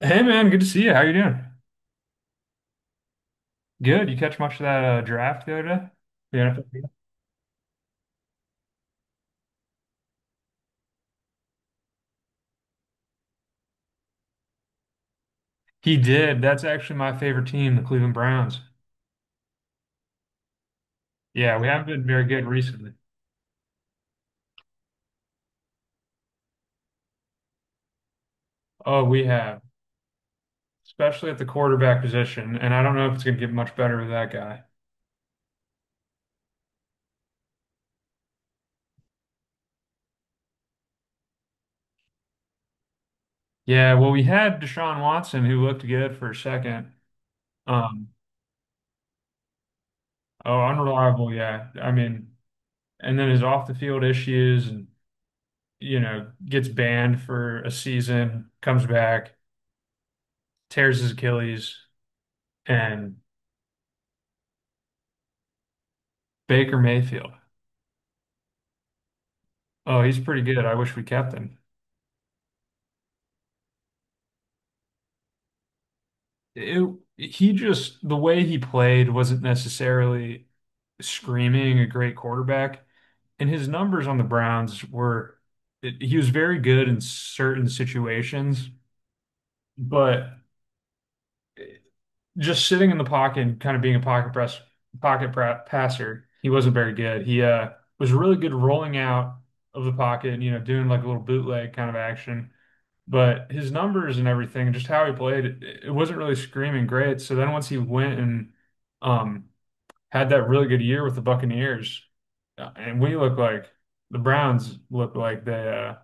Hey man, good to see you. How you doing? Good. You catch much of that draft the other day? The NFL draft? He did. That's actually my favorite team, the Cleveland Browns. Yeah, we haven't been very good recently. Oh, we have, especially at the quarterback position, and I don't know if it's going to get much better with that guy. Yeah, well, we had Deshaun Watson, who looked good for a second. Um, oh, unreliable. Yeah, I mean, and then his off the field issues, and you know, gets banned for a season, comes back, tears his Achilles. And Baker Mayfield. Oh, he's pretty good. I wish we kept him. It, he just, the way he played wasn't necessarily screaming a great quarterback. And his numbers on the Browns were, he was very good in certain situations, but just sitting in the pocket and kind of being a passer, he wasn't very good. He was really good rolling out of the pocket and, you know, doing like a little bootleg kind of action. But his numbers and everything, and just how he played, it wasn't really screaming great. So then once he went and um, had that really good year with the Buccaneers, and we look like the Browns look like they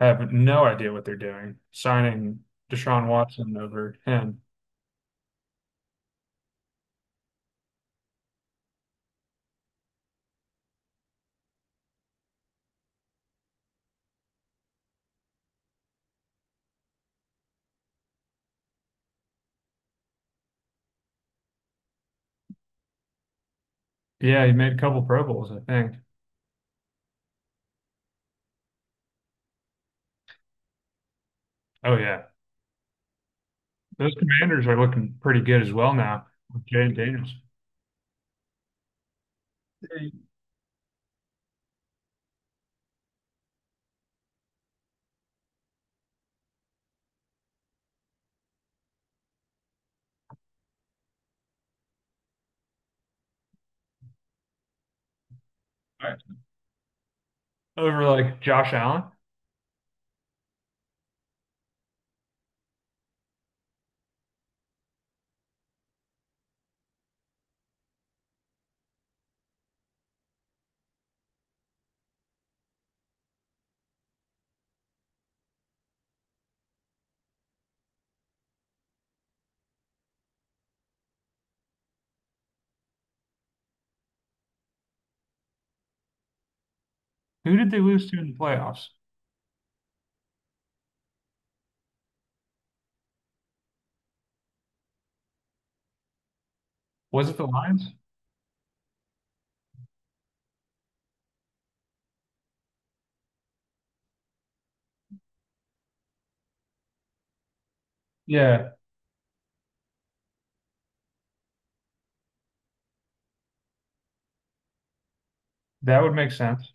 have no idea what they're doing, signing Deshaun Watson over him. Yeah, he made a couple Pro Bowls, I think. Oh yeah, those Commanders are looking pretty good as well now with Jaden Daniels. Hey, all right. Over like Josh Allen. Who did they lose to in the playoffs? Was it the Lions? Yeah, that would make sense.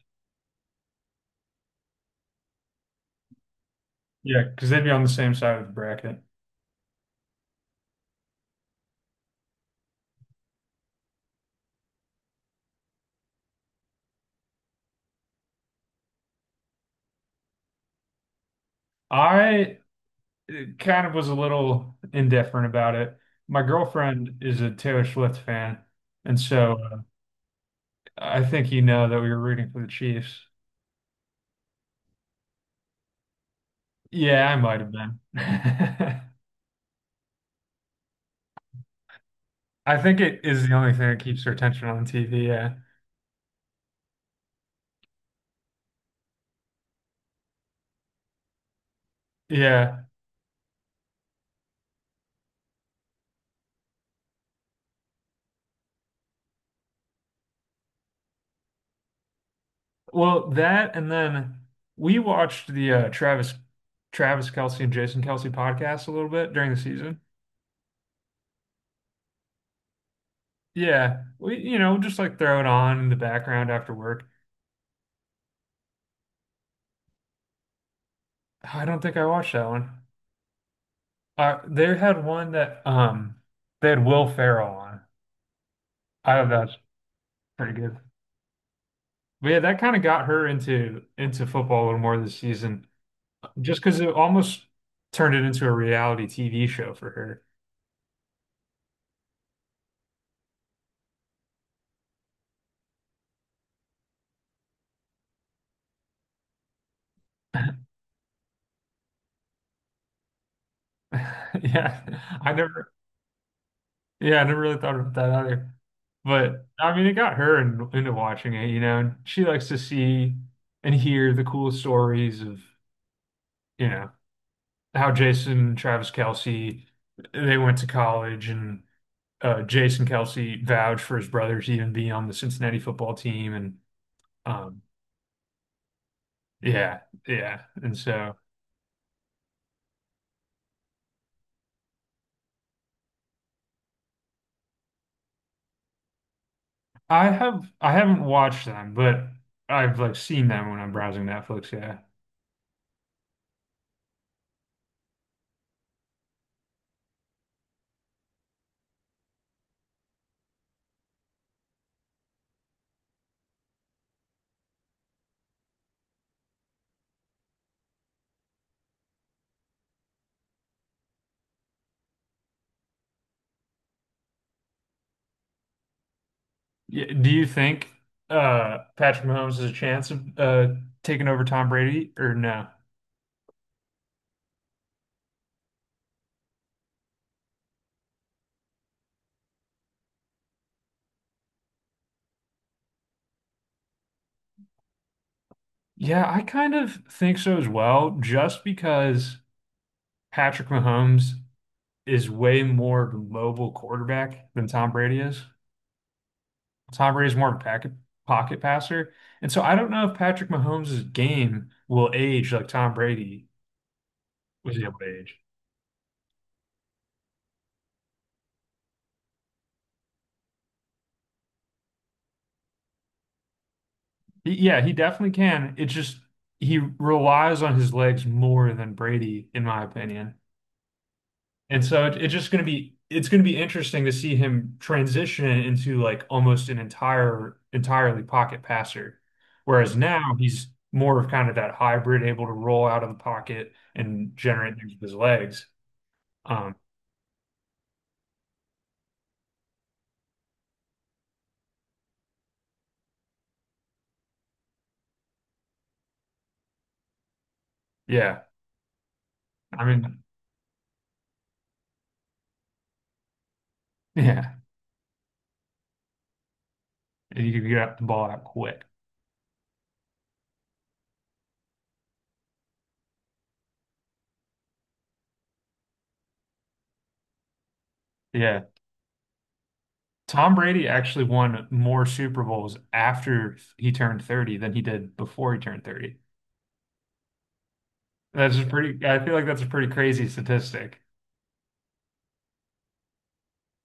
Yeah, because they'd be on the same side of the bracket. I kind of was a little indifferent about it. My girlfriend is a Taylor Swift fan, and so I think you know that we were rooting for the Chiefs. Yeah, I might have been. I think it is the only thing that keeps her attention on TV. Yeah. Yeah. Well, that and then we watched the uh, Travis Kelsey and Jason Kelsey podcast a little bit during the season. Yeah, we, you know, just like throw it on in the background after work. I don't think I watched that one. They had one that they had Will Ferrell on. I thought that's pretty good. But yeah, that kind of got her into football a little more this season, just because it almost turned it into a reality TV show for her. Yeah, I never yeah, I never really thought about that either. But I mean, it got her into watching it. You know, and she likes to see and hear the cool stories of, you know, how Jason and Travis Kelsey, they went to college, and Jason Kelsey vouched for his brother to even be on the Cincinnati football team and um yeah yeah and so I have, I haven't watched them, but I've like seen them when I'm browsing Netflix, yeah, yeah. Do you think Patrick Mahomes has a chance of taking over Tom Brady or no? Yeah, I kind of think so as well just because Patrick Mahomes is way more of a mobile quarterback than Tom Brady is. Tom Brady is more of a pocket passer. And so I don't know if Patrick Mahomes' game will age like Tom Brady was able to age. Yeah, he definitely can. It's just he relies on his legs more than Brady, in my opinion. And so it's just going to be interesting to see him transition into like almost an entirely pocket passer. Whereas now he's more of kind of that hybrid, able to roll out of the pocket and generate things with his legs. Um, yeah, I mean, yeah, you can get the ball out quick. Yeah, Tom Brady actually won more Super Bowls after he turned 30 than he did before he turned 30. That's a pretty, I feel like that's a pretty crazy statistic.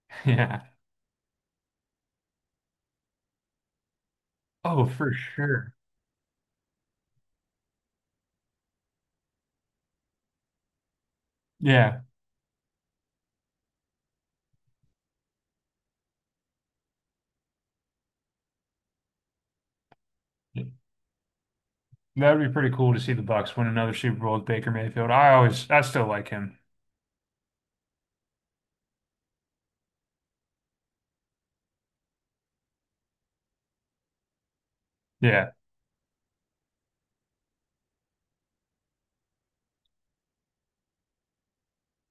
Yeah. Oh, for sure. Yeah. That would be pretty cool to see the Bucks win another Super Bowl with Baker Mayfield. I always, I still like him. Yeah.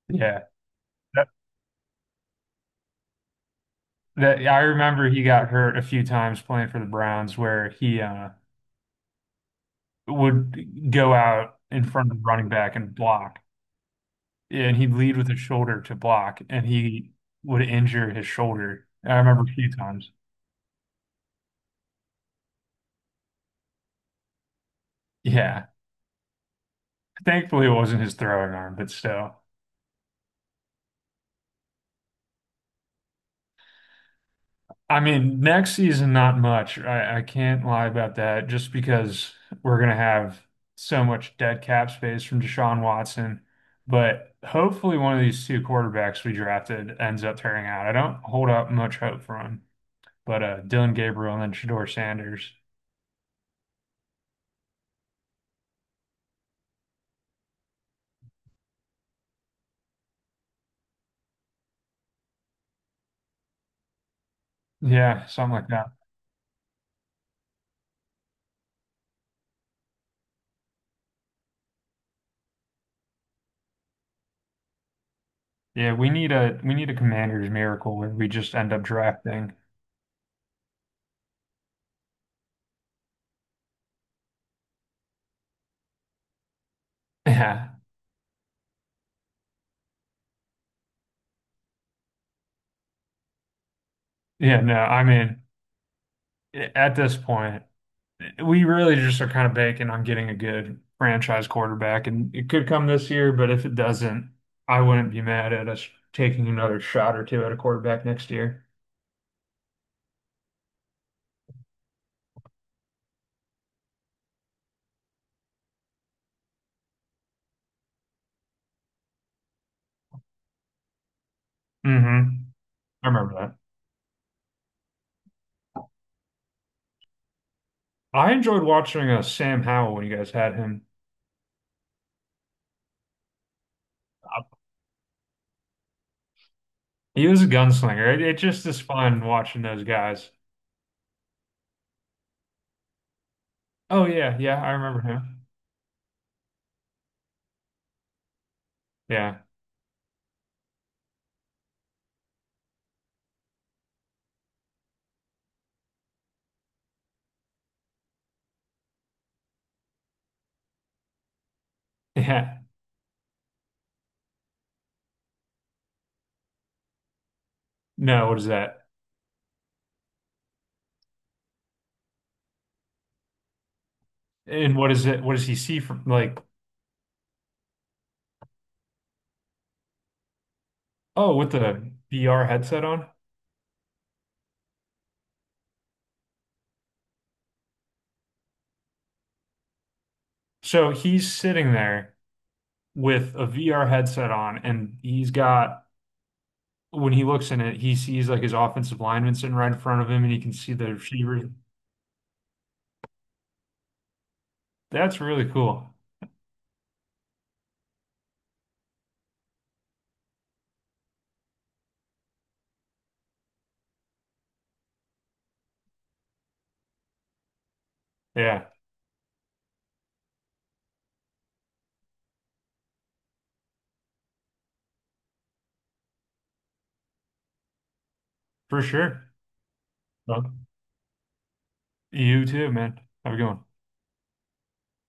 Yeah. That, that I remember he got hurt a few times playing for the Browns where he would go out in front of the running back and block. And he'd lead with his shoulder to block and he would injure his shoulder. I remember a few times. Yeah. Thankfully it wasn't his throwing arm, but still. I mean, next season, not much. I can't lie about that just because we're going to have so much dead cap space from Deshaun Watson. But hopefully, one of these two quarterbacks we drafted ends up tearing out. I don't hold up much hope for him, but Dylan Gabriel and then Shador Sanders. Yeah, something like that. Yeah, we need a commander's miracle where we just end up drafting. Yeah. Yeah, no, I mean, at this point, we really just are kind of banking on getting a good franchise quarterback, and it could come this year, but if it doesn't, I wouldn't be mad at us taking another shot or two at a quarterback next year. Mm-hmm. I remember that. I enjoyed watching Sam Howell when you guys had him. He was a gunslinger. It just is fun watching those guys. Oh yeah, yeah, I remember him. Yeah, yeah. No, what is that? And what is it? What does he see from like? Oh, with the VR headset on. So he's sitting there with a VR headset on, and he's got when he looks in it, he sees like his offensive lineman sitting right in front of him, and he can see the receiver. That's really cool. Yeah, for sure. Well, you too, man. Have a good one.